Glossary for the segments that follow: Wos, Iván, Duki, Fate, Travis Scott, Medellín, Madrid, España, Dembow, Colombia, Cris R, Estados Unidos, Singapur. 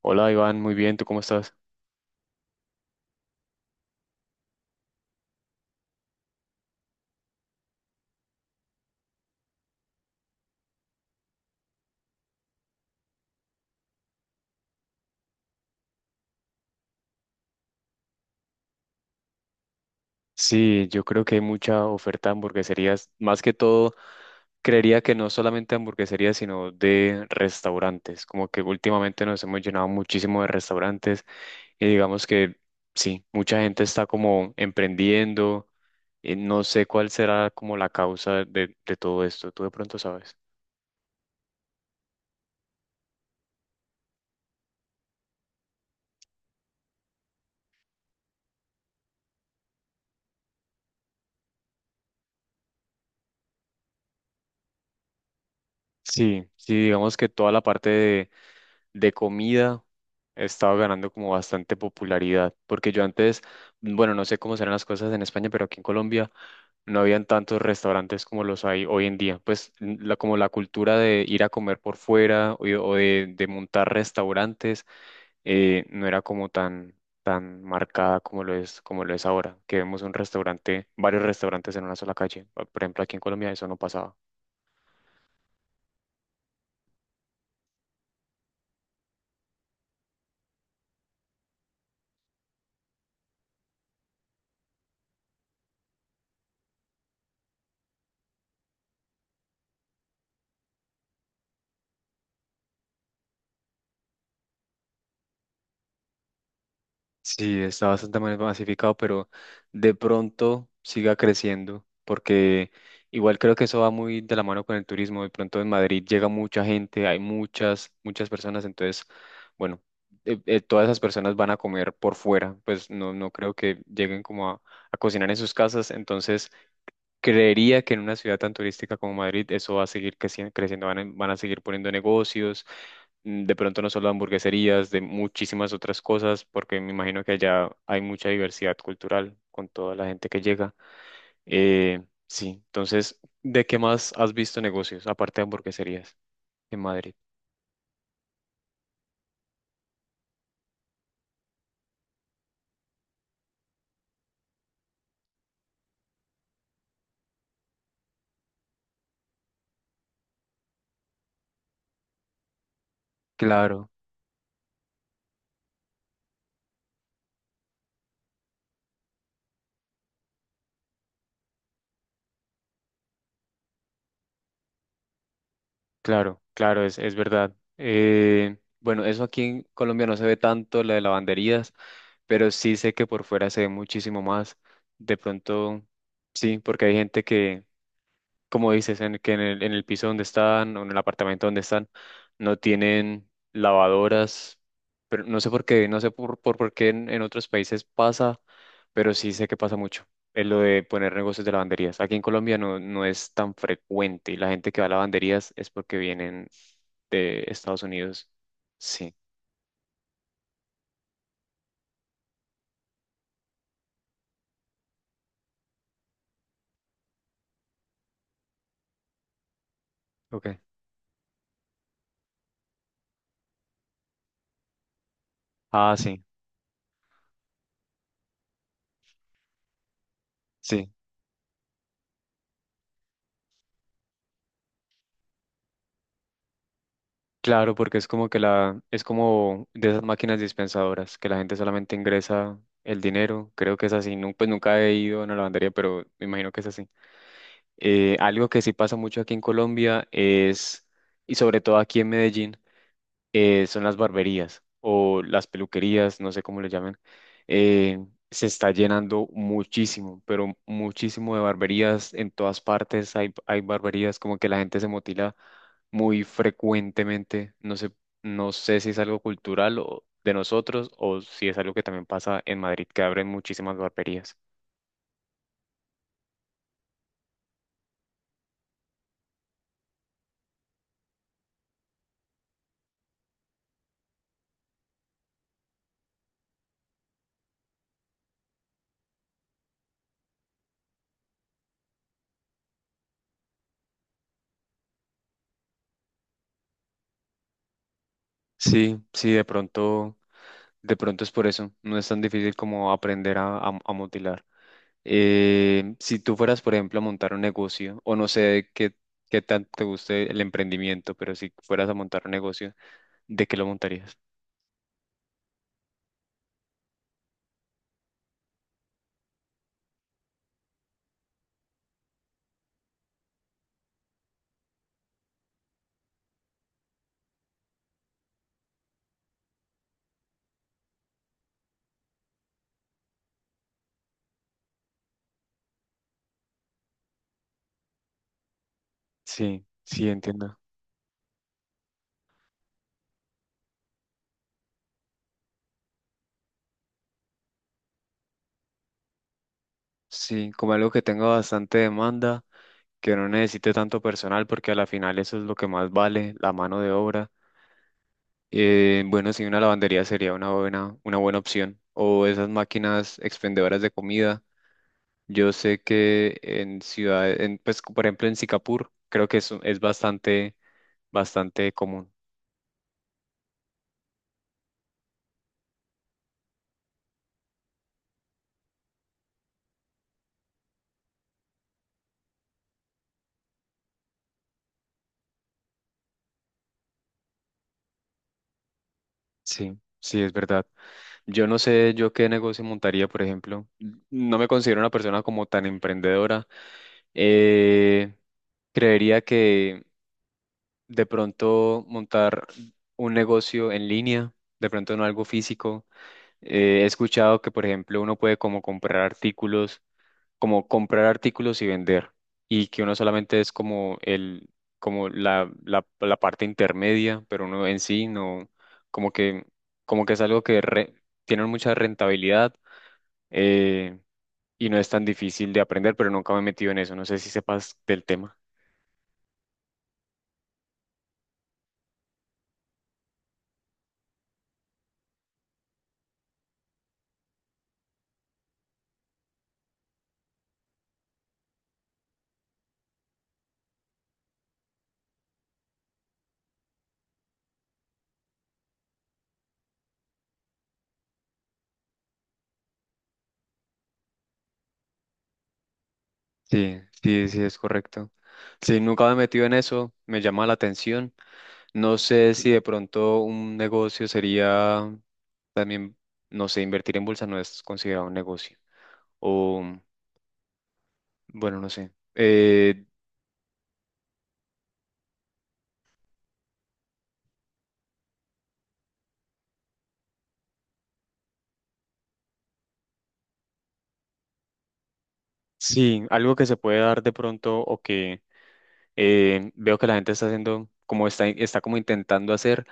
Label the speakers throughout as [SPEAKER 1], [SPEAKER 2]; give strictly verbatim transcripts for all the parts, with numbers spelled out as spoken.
[SPEAKER 1] Hola Iván, muy bien, ¿tú cómo estás? Sí, yo creo que hay mucha oferta de hamburgueserías, más que todo, creería que no solamente hamburgueserías, sino de restaurantes, como que últimamente nos hemos llenado muchísimo de restaurantes y digamos que sí, mucha gente está como emprendiendo, y no sé cuál será como la causa de, de todo esto, tú de pronto sabes. Sí, sí, digamos que toda la parte de comida he estado ganando como bastante popularidad, porque yo antes, bueno, no sé cómo serán las cosas en España, pero aquí en Colombia no habían tantos restaurantes como los hay hoy en día. Pues n- la, como la cultura de ir a comer por fuera o, o de, de montar restaurantes eh, no era como tan, tan marcada como lo es, como lo es ahora, que vemos un restaurante, varios restaurantes en una sola calle. Por ejemplo, aquí en Colombia eso no pasaba. Sí, está bastante ma- masificado, pero de pronto siga creciendo, porque igual creo que eso va muy de la mano con el turismo. De pronto en Madrid llega mucha gente, hay muchas, muchas personas, entonces, bueno, eh, eh, todas esas personas van a comer por fuera, pues no, no creo que lleguen como a, a cocinar en sus casas, entonces creería que en una ciudad tan turística como Madrid eso va a seguir creci- creciendo, van a, van a seguir poniendo negocios, mm, de pronto no solo hamburgueserías, de muchísimas otras cosas, porque me imagino que allá hay mucha diversidad cultural con toda la gente que llega. Eh, sí, entonces, ¿de qué más has visto negocios, aparte de hamburgueserías en Madrid? Claro. Claro, claro, es, es verdad. Eh, bueno, eso aquí en Colombia no se ve tanto, la de lavanderías, pero sí sé que por fuera se ve muchísimo más. De pronto, sí, porque hay gente que, como dices, en, que en el, en el piso donde están o en el apartamento donde están, no tienen lavadoras, pero no sé por qué, no sé por, por, por qué en, en otros países pasa, pero sí sé que pasa mucho. Es lo de poner negocios de lavanderías. Aquí en Colombia no, no es tan frecuente y la gente que va a lavanderías es porque vienen de Estados Unidos. Sí. Okay. Ah, sí, sí. Claro, porque es como que la, es como de esas máquinas dispensadoras, que la gente solamente ingresa el dinero. Creo que es así. Nu- pues nunca he ido a una lavandería, pero me imagino que es así. Eh, algo que sí pasa mucho aquí en Colombia es, y sobre todo aquí en Medellín eh, son las barberías o las peluquerías, no sé cómo le llamen, eh, se está llenando muchísimo, pero muchísimo de barberías en todas partes. Hay, hay barberías como que la gente se motila muy frecuentemente. No sé, no sé si es algo cultural o de nosotros o si es algo que también pasa en Madrid, que abren muchísimas barberías. Sí, sí, de pronto, de pronto es por eso. No es tan difícil como aprender a, a a mutilar. Eh, si tú fueras, por ejemplo, a montar un negocio, o no sé qué, qué tanto te guste el emprendimiento, pero si fueras a montar un negocio, ¿de qué lo montarías? Sí, sí, entiendo. Sí, como algo que tenga bastante demanda, que no necesite tanto personal, porque a la final eso es lo que más vale, la mano de obra. Eh, bueno, sí, una lavandería sería una buena, una buena opción. O esas máquinas expendedoras de comida. Yo sé que en ciudades, en, pues, por ejemplo, en Singapur, creo que es es bastante, bastante común. Sí, sí, es verdad. Yo no sé yo qué negocio montaría, por ejemplo. No me considero una persona como tan emprendedora. Eh, Creería que de pronto montar un negocio en línea, de pronto no algo físico. Eh, he escuchado que, por ejemplo, uno puede como comprar artículos, como comprar artículos y vender, y que uno solamente es como el, como la, la, la parte intermedia, pero uno en sí no, como que, como que es algo que re- tiene mucha rentabilidad, eh, y no es tan difícil de aprender, pero nunca me he metido en eso, no sé si sepas del tema. Sí, sí, sí, es correcto. Sí, nunca me he metido en eso, me llama la atención. No sé si de pronto un negocio sería también, no sé, invertir en bolsa no es considerado un negocio. O bueno, no sé. Eh, sí, algo que se puede dar de pronto o que Eh, veo que la gente está haciendo, como está, está como intentando hacer,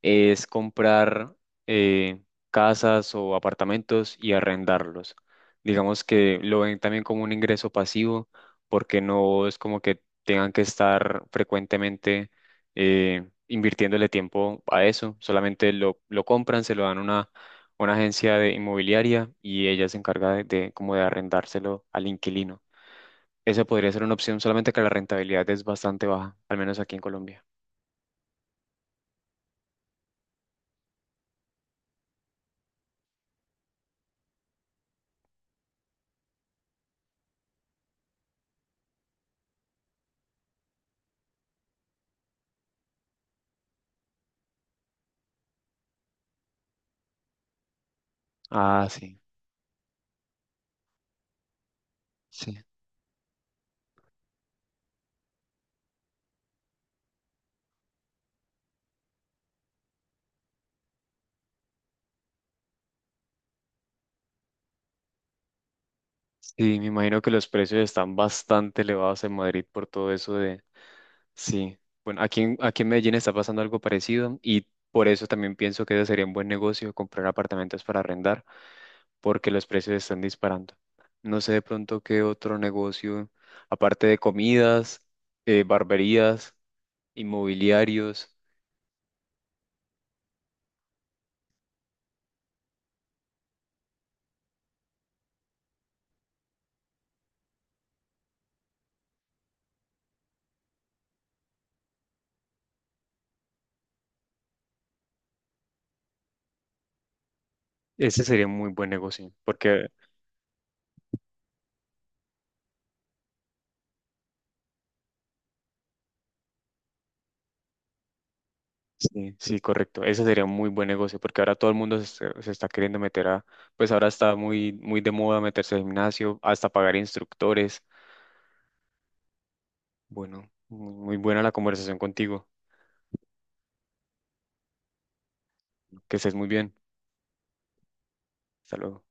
[SPEAKER 1] es comprar eh, casas o apartamentos y arrendarlos. Digamos que lo ven también como un ingreso pasivo, porque no es como que tengan que estar frecuentemente eh, invirtiéndole tiempo a eso. Solamente lo, lo compran, se lo dan a una, una agencia de inmobiliaria y ella se encarga de, de como de arrendárselo al inquilino. Esa podría ser una opción, solamente que la rentabilidad es bastante baja, al menos aquí en Colombia. Ah, sí, sí. Sí, me imagino que los precios están bastante elevados en Madrid por todo eso de... Sí, bueno, aquí en, aquí en Medellín está pasando algo parecido y por eso también pienso que ese sería un buen negocio comprar apartamentos para arrendar, porque los precios están disparando. No sé de pronto qué otro negocio, aparte de comidas, eh, barberías, inmobiliarios, ese sería un muy buen negocio, porque... Sí, sí, correcto. Ese sería un muy buen negocio porque ahora todo el mundo se, está, se está queriendo meter a, pues ahora está muy, muy de moda meterse al gimnasio, hasta pagar instructores. Bueno, muy muy buena la conversación contigo. Que estés muy bien. Hasta luego.